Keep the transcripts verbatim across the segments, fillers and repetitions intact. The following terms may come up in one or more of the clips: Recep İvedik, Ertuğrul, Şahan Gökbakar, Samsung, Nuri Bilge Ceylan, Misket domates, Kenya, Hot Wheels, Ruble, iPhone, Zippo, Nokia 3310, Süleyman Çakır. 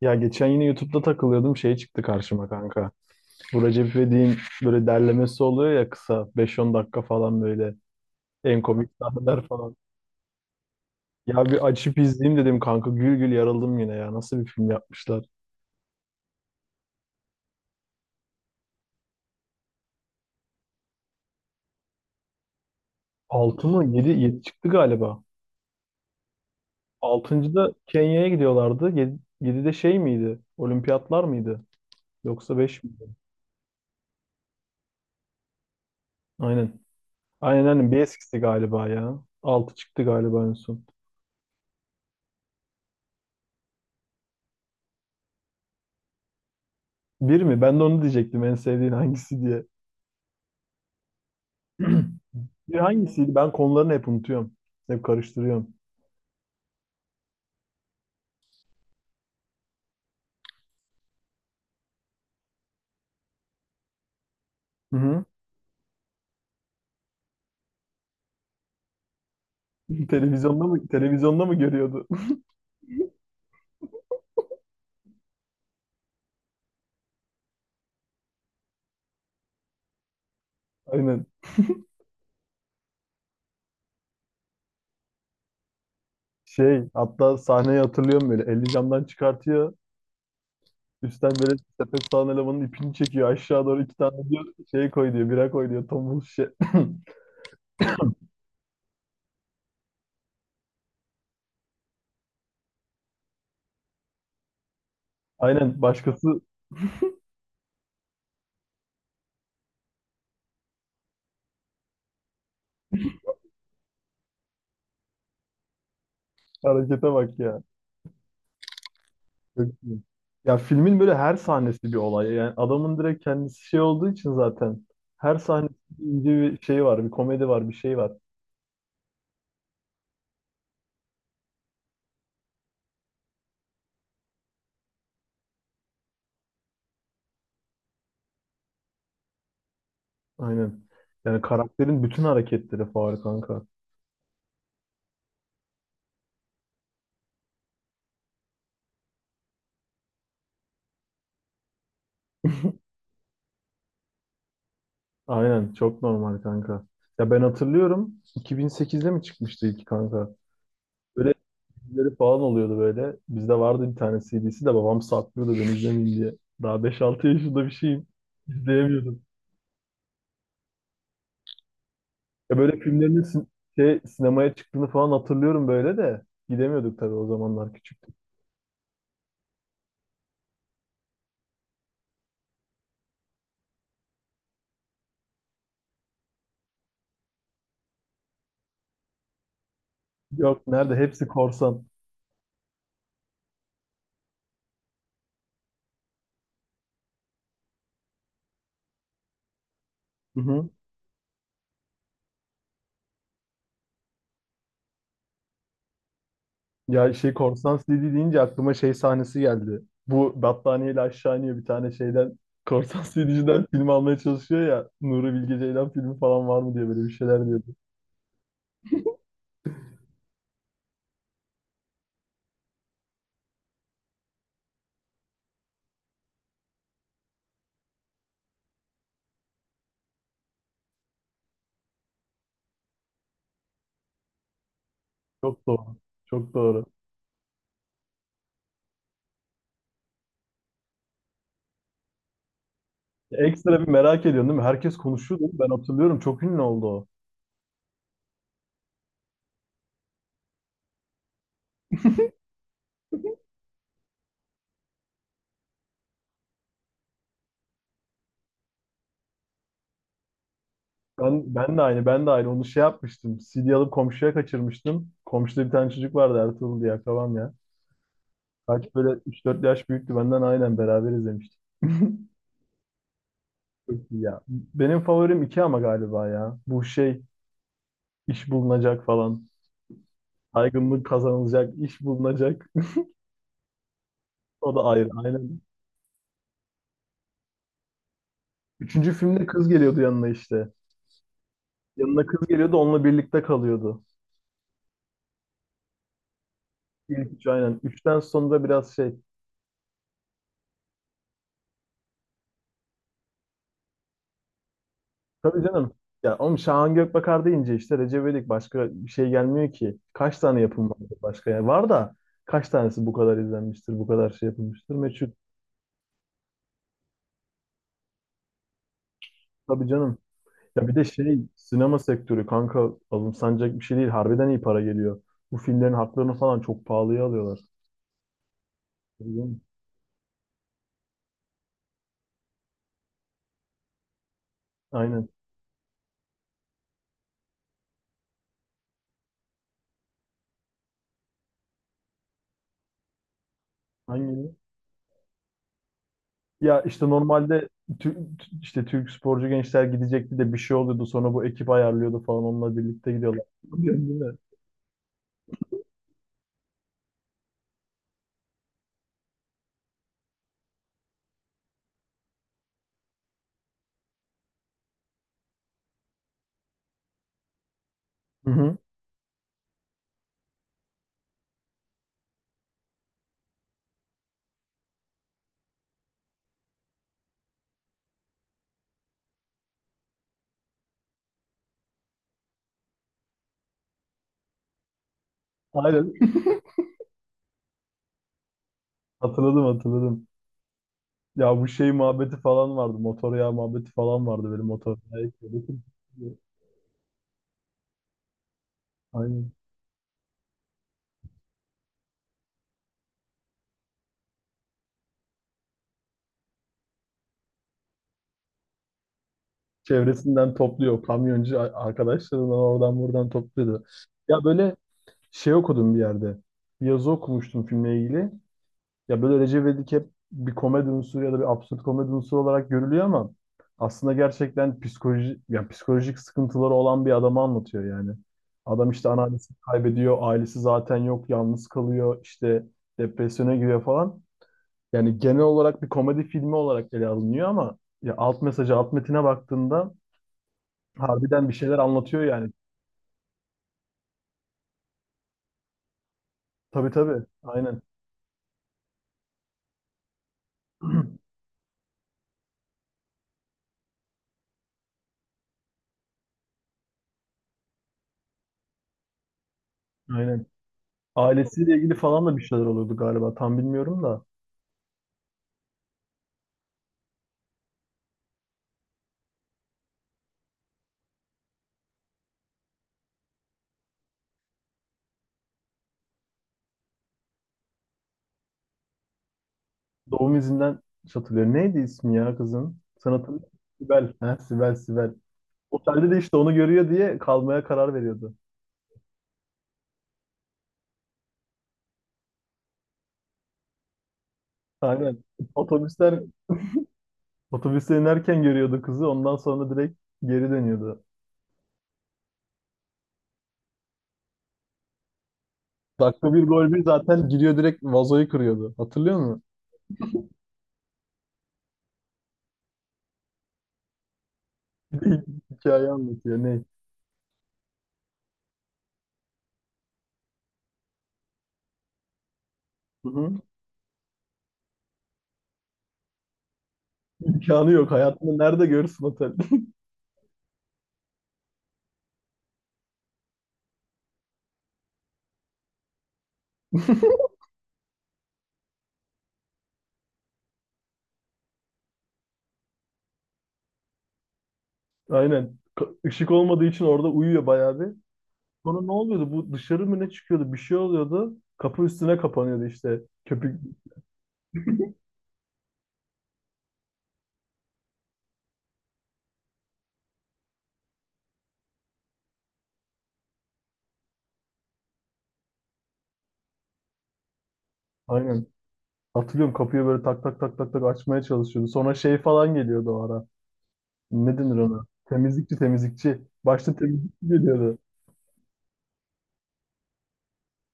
Ya geçen yine YouTube'da takılıyordum şey çıktı karşıma kanka. Bu Recep İvedik'in böyle derlemesi oluyor ya kısa beş on dakika falan böyle en komik sahneler falan. Ya bir açıp izleyeyim dedim kanka gül gül yarıldım yine ya nasıl bir film yapmışlar. Altı mı yedi yedi çıktı galiba. Altıncıda Kenya'ya gidiyorlardı. yedide şey miydi? Olimpiyatlar mıydı? Yoksa beş miydi? Aynen. Aynen aynen bir eskisi galiba ya. Altı çıktı galiba en son. Bir mi? Ben de onu diyecektim en sevdiğin hangisi diye. Bir hangisiydi? Ben konularını hep unutuyorum. Hep karıştırıyorum. Hı hı. Televizyonda mı televizyonda mı görüyordu? Aynen. Şey, hatta sahneyi hatırlıyorum böyle. Elini camdan çıkartıyor. Üstten böyle sepet sağan elemanın ipini çekiyor. Aşağı doğru iki tane diyor. Şey koy diyor. Bira koy diyor. Tombul şişe. Aynen. Başkası harekete bak ya. Çok iyi. Ya filmin böyle her sahnesi bir olay. Yani adamın direkt kendisi şey olduğu için zaten. Her sahnesi ince bir şey var. Bir komedi var. Bir şey var. Aynen. Yani karakterin bütün hareketleri faul kanka. Aynen çok normal kanka. Ya ben hatırlıyorum iki bin sekizde mi çıkmıştı ilk kanka? Böyle dizileri falan oluyordu böyle. Bizde vardı bir tane C D'si de babam saklıyordu ben izlemeyeyim diye. Daha beş altı yaşında bir şeyim. İzleyemiyordum. Ya böyle filmlerin sin- şey, sinemaya çıktığını falan hatırlıyorum böyle de. Gidemiyorduk tabii o zamanlar küçüktük. Yok nerede hepsi korsan. Ya şey korsan C D deyince aklıma şey sahnesi geldi. Bu battaniyeyle aşağı iniyor bir tane şeyden. Korsan C D'ciden film almaya çalışıyor ya. Nuri Bilge Ceylan filmi falan var mı diye böyle bir şeyler diyordu. Çok doğru. Çok doğru. Ekstra bir merak ediyorsun değil mi? Herkes konuşuyordu. Ben hatırlıyorum. Çok ünlü oldu o. Ben, ben de aynı. Ben de aynı. Onu şey yapmıştım. C D alıp komşuya kaçırmıştım. Komşuda bir tane çocuk vardı Ertuğrul diye akrabam ya. Belki böyle üç dört yaş büyüktü benden aynen beraber izlemiştik. Çok iyi ya. Benim favorim iki ama galiba ya. Bu şey. İş bulunacak falan. Saygınlık kazanılacak, iş bulunacak. O da ayrı, aynen. Üçüncü filmde kız geliyordu yanına işte. Yanına kız geliyordu, onunla birlikte kalıyordu. İlk üç aynen. Üçten sonra biraz şey. Tabii canım. Ya oğlum Şahan Gökbakar deyince işte Recep İvedik başka bir şey gelmiyor ki. Kaç tane yapım var başka ya? Var da kaç tanesi bu kadar izlenmiştir, bu kadar şey yapılmıştır? Meçhul. Tabii canım. Ya bir de şey sinema sektörü kanka alımsanacak bir şey değil. Harbiden iyi para geliyor. Bu filmlerin haklarını falan çok pahalıya alıyorlar. Bilmiyorum. Aynen. Hangi? Ya işte normalde tü- tü- işte Türk sporcu gençler gidecekti de bir şey oluyordu. Sonra bu ekip ayarlıyordu falan onunla birlikte gidiyorlar. Biliyorsun değil mi? Hı hı. Aynen. Hatırladım hatırladım. Ya bu şey muhabbeti falan vardı. Motor yağı muhabbeti falan vardı. Böyle motor yağı ekliyorduk. Aynen. Çevresinden topluyor. Kamyoncu a- arkadaşlarından oradan buradan topluyordu. Ya böyle şey okudum bir yerde. Bir yazı okumuştum filmle ilgili. Ya böyle Recep İvedik hep bir komedi unsuru ya da bir absürt komedi unsuru olarak görülüyor ama aslında gerçekten psikoloji, yani psikolojik sıkıntıları olan bir adamı anlatıyor yani. Adam işte anneannesini kaybediyor, ailesi zaten yok, yalnız kalıyor, işte depresyona giriyor falan. Yani genel olarak bir komedi filmi olarak ele alınıyor ama ya alt mesajı, alt metine baktığında harbiden bir şeyler anlatıyor yani. Tabii tabii, aynen, aynen. Ailesiyle ilgili falan da bir şeyler oluyordu galiba, tam bilmiyorum da. Doğum izinden hatırlıyorum. Neydi ismi ya kızın? Sen hatırlıyor musun? Sibel. Ha, Sibel, Sibel. Otelde de işte onu görüyor diye kalmaya karar veriyordu. Aynen. Otobüsler, otobüse inerken görüyordu kızı. Ondan sonra direkt geri dönüyordu. Dakika bir gol bir zaten giriyor direkt vazoyu kırıyordu. Hatırlıyor musun? Bir de hikaye anlatıyor. Ne? Hı hı. İmkanı yok. Hayatında nerede görürsün otel? Aynen. Ka- Işık olmadığı için orada uyuyor bayağı bir. Sonra ne oluyordu? Bu dışarı mı ne çıkıyordu? Bir şey oluyordu. Kapı üstüne kapanıyordu işte. Köpük aynen. Hatırlıyorum kapıyı böyle tak tak tak tak tak açmaya çalışıyordu. Sonra şey falan geliyordu o ara. Ne denir ona? Temizlikçi temizlikçi. Başta temizlikçi geliyordu.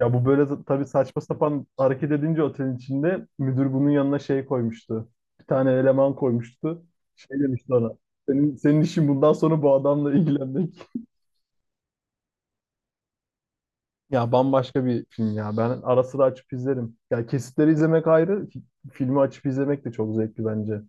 Ya bu böyle z- tabii saçma sapan hareket edince otelin içinde müdür bunun yanına şey koymuştu. Bir tane eleman koymuştu. Şey demişti ona. Senin, senin işin bundan sonra bu adamla ilgilenmek. Ya bambaşka bir film ya. Ben ara sıra açıp izlerim. Ya kesitleri izlemek ayrı, fi- filmi açıp izlemek de çok zevkli bence.